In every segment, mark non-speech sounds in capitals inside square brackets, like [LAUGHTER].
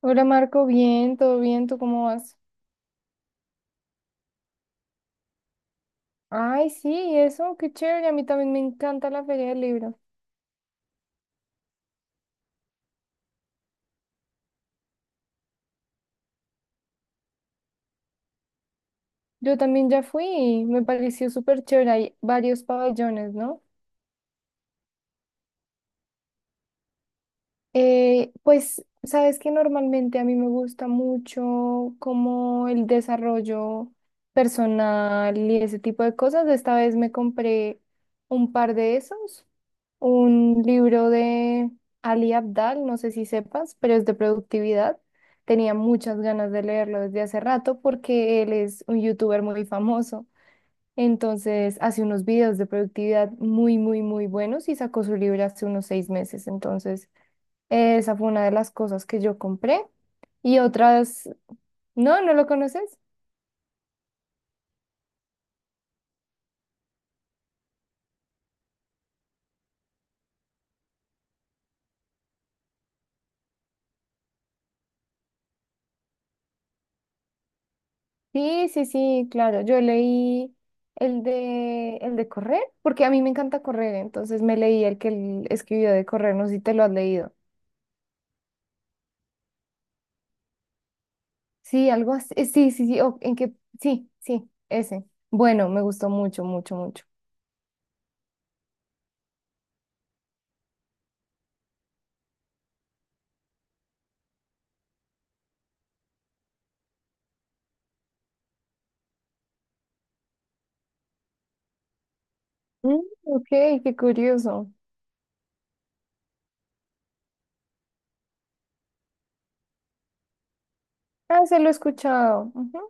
Hola Marco, bien, todo bien, ¿tú cómo vas? Ay, sí, eso, qué chévere, a mí también me encanta la Feria del Libro. Yo también ya fui y me pareció súper chévere, hay varios pabellones, ¿no? Pues, sabes que normalmente a mí me gusta mucho como el desarrollo personal y ese tipo de cosas. Esta vez me compré un par de esos un libro de Ali Abdal, no sé si sepas, pero es de productividad. Tenía muchas ganas de leerlo desde hace rato porque él es un youtuber muy famoso. Entonces hace unos videos de productividad muy, muy, muy buenos y sacó su libro hace unos 6 meses. Entonces esa fue una de las cosas que yo compré. Y otras, no, ¿no lo conoces? Sí, sí, sí, claro. Yo leí el de correr, porque a mí me encanta correr, entonces me leí el que él escribió de correr, no sé si te lo has leído. Sí, algo así. Sí, sí, sí, sí, sí, ese. Bueno, me gustó mucho, mucho, mucho. Mm, ok, qué curioso. Ah, se lo he escuchado. Ujú.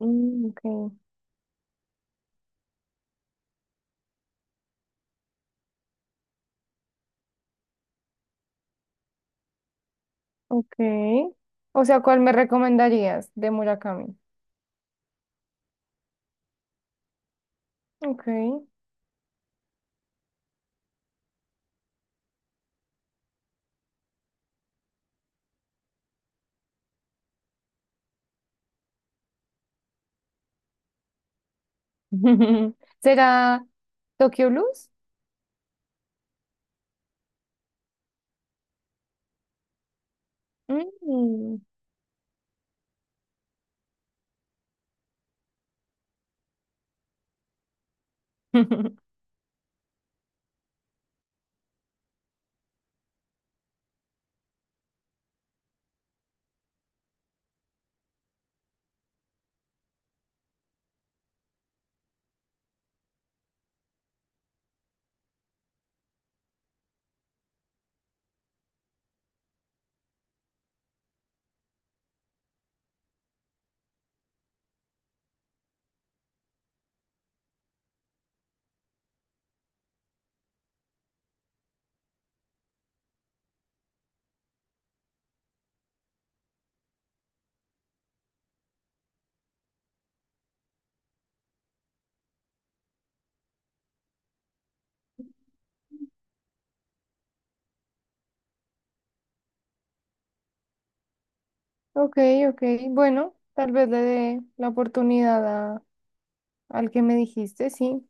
Mm, ok, ok. O sea, ¿cuál me recomendarías de Murakami? Ok. [LAUGHS] ¿Será Tokyo Blues? Mm. [LAUGHS] Ok, ok. Bueno, tal vez le dé la oportunidad a- al que me dijiste, sí.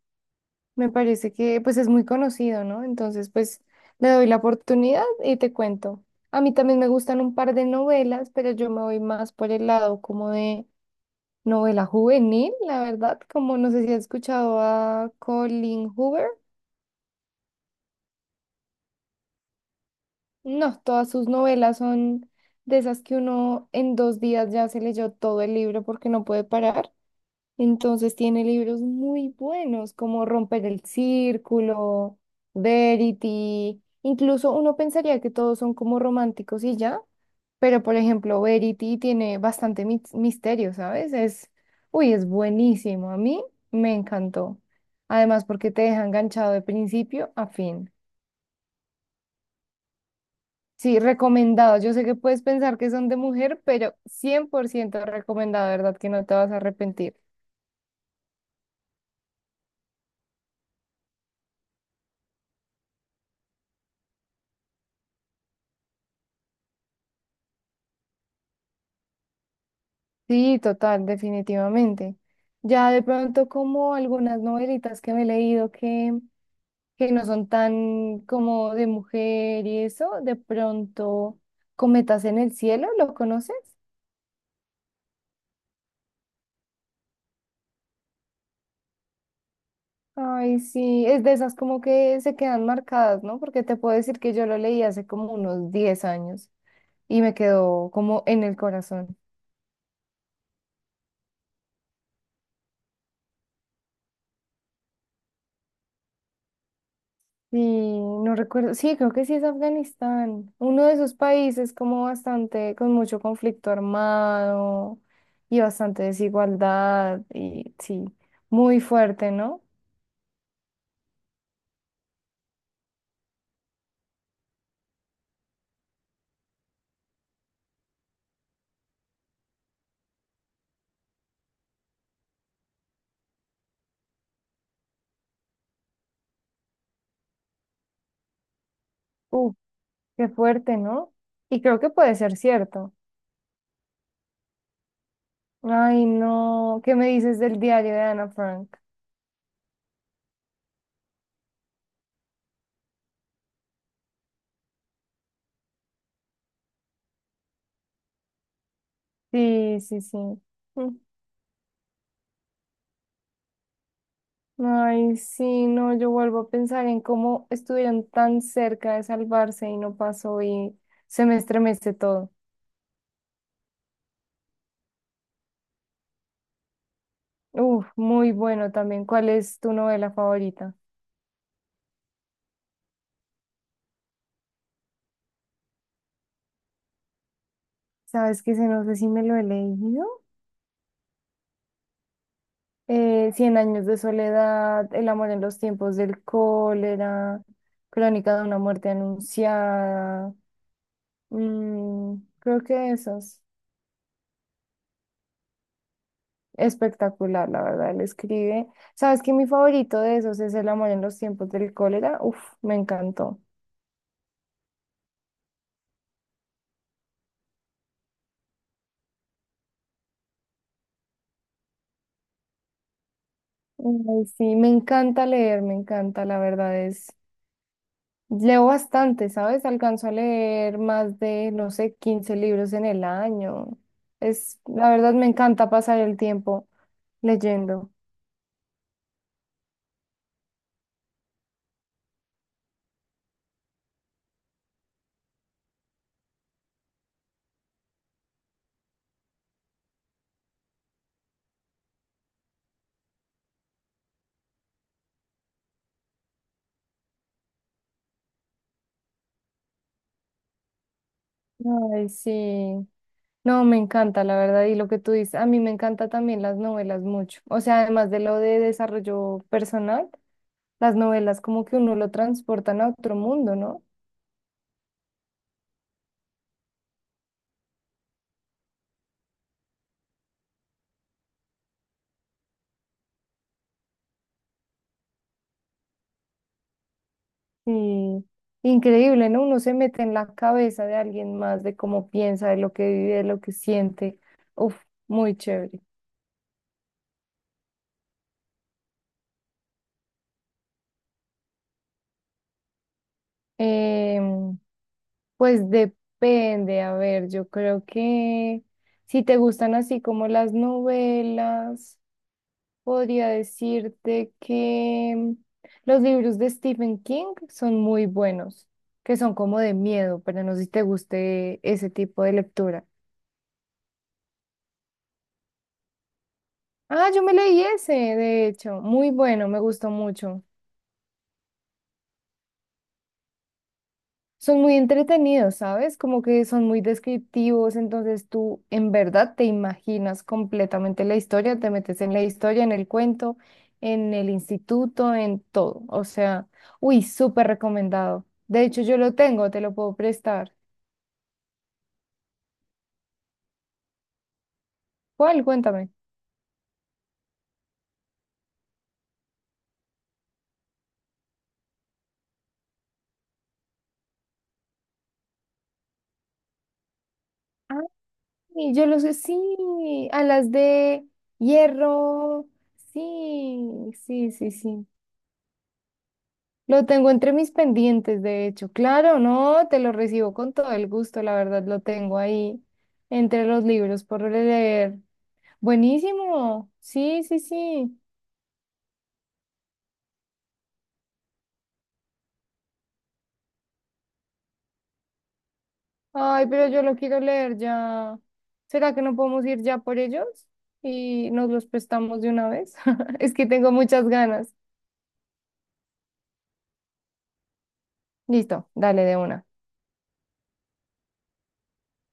Me parece que pues es muy conocido, ¿no? Entonces, pues le doy la oportunidad y te cuento. A mí también me gustan un par de novelas, pero yo me voy más por el lado como de novela juvenil, la verdad, como no sé si has escuchado a Colin Hoover. No, todas sus novelas son de esas que uno en 2 días ya se leyó todo el libro porque no puede parar. Entonces tiene libros muy buenos como Romper el Círculo, Verity. Incluso uno pensaría que todos son como románticos y ya, pero por ejemplo, Verity tiene bastante misterio, ¿sabes? Es, uy, es buenísimo. A mí me encantó. Además, porque te deja enganchado de principio a fin. Sí, recomendado. Yo sé que puedes pensar que son de mujer, pero 100% recomendado, ¿verdad? Que no te vas a arrepentir. Sí, total, definitivamente. Ya de pronto como algunas novelitas que me he leído que no son tan como de mujer y eso, de pronto Cometas en el cielo, ¿lo conoces? Ay, sí, es de esas como que se quedan marcadas, ¿no? Porque te puedo decir que yo lo leí hace como unos 10 años y me quedó como en el corazón. Sí, no recuerdo. Sí, creo que sí es Afganistán. Uno de esos países como bastante, con mucho conflicto armado y bastante desigualdad y sí, muy fuerte, ¿no? Uh, qué fuerte, ¿no? Y creo que puede ser cierto. Ay, no. ¿Qué me dices del diario de Ana Frank? Sí, sí, sí. Mm. Ay, sí, no, yo vuelvo a pensar en cómo estuvieron tan cerca de salvarse y no pasó y se me estremece todo. Uf, muy bueno también. ¿Cuál es tu novela favorita? Sabes que se no sé si me lo he leído. Cien años de soledad, El amor en los tiempos del cólera, Crónica de una muerte anunciada. mm, Creo que esos. Espectacular, la verdad, él escribe. Sabes que mi favorito de esos es El amor en los tiempos del cólera. Uf, me encantó. Ay, sí, me encanta leer, me encanta, la verdad es. Leo bastante, ¿sabes? Alcanzo a leer más de, no sé, 15 libros en el año. Es, la verdad, me encanta pasar el tiempo leyendo. Ay, sí. No, me encanta, la verdad, y lo que tú dices, a mí me encanta también las novelas mucho. O sea, además de lo de desarrollo personal, las novelas como que uno lo transportan a otro mundo, ¿no? Sí. Increíble, ¿no? Uno se mete en la cabeza de alguien más, de cómo piensa, de lo que vive, de lo que siente. Uf, muy chévere. Em, pues depende, a ver, yo creo que si te gustan así como las novelas, podría decirte que los libros de Stephen King son muy buenos, que son como de miedo, pero no sé si te guste ese tipo de lectura. Ah, yo me leí ese, de hecho, muy bueno, me gustó mucho. Son muy entretenidos, ¿sabes? Como que son muy descriptivos, entonces tú en verdad te imaginas completamente la historia, te metes en la historia, en el cuento, en el instituto, en todo. O sea, uy, súper recomendado. De hecho, yo lo tengo, te lo puedo prestar. ¿Cuál? Cuéntame. Ay, yo lo sé, sí, a las de hierro. Sí, sí, sí, sí. Lo tengo entre mis pendientes, de hecho. Claro, no, te lo recibo con todo el gusto, la verdad, lo tengo ahí entre los libros por leer. Buenísimo. Sí, sí, sí. Ay, pero yo lo quiero leer ya. ¿Será que no podemos ir ya por ellos? Y nos los prestamos de una vez. [LAUGHS] Es que tengo muchas ganas. Listo, dale de una.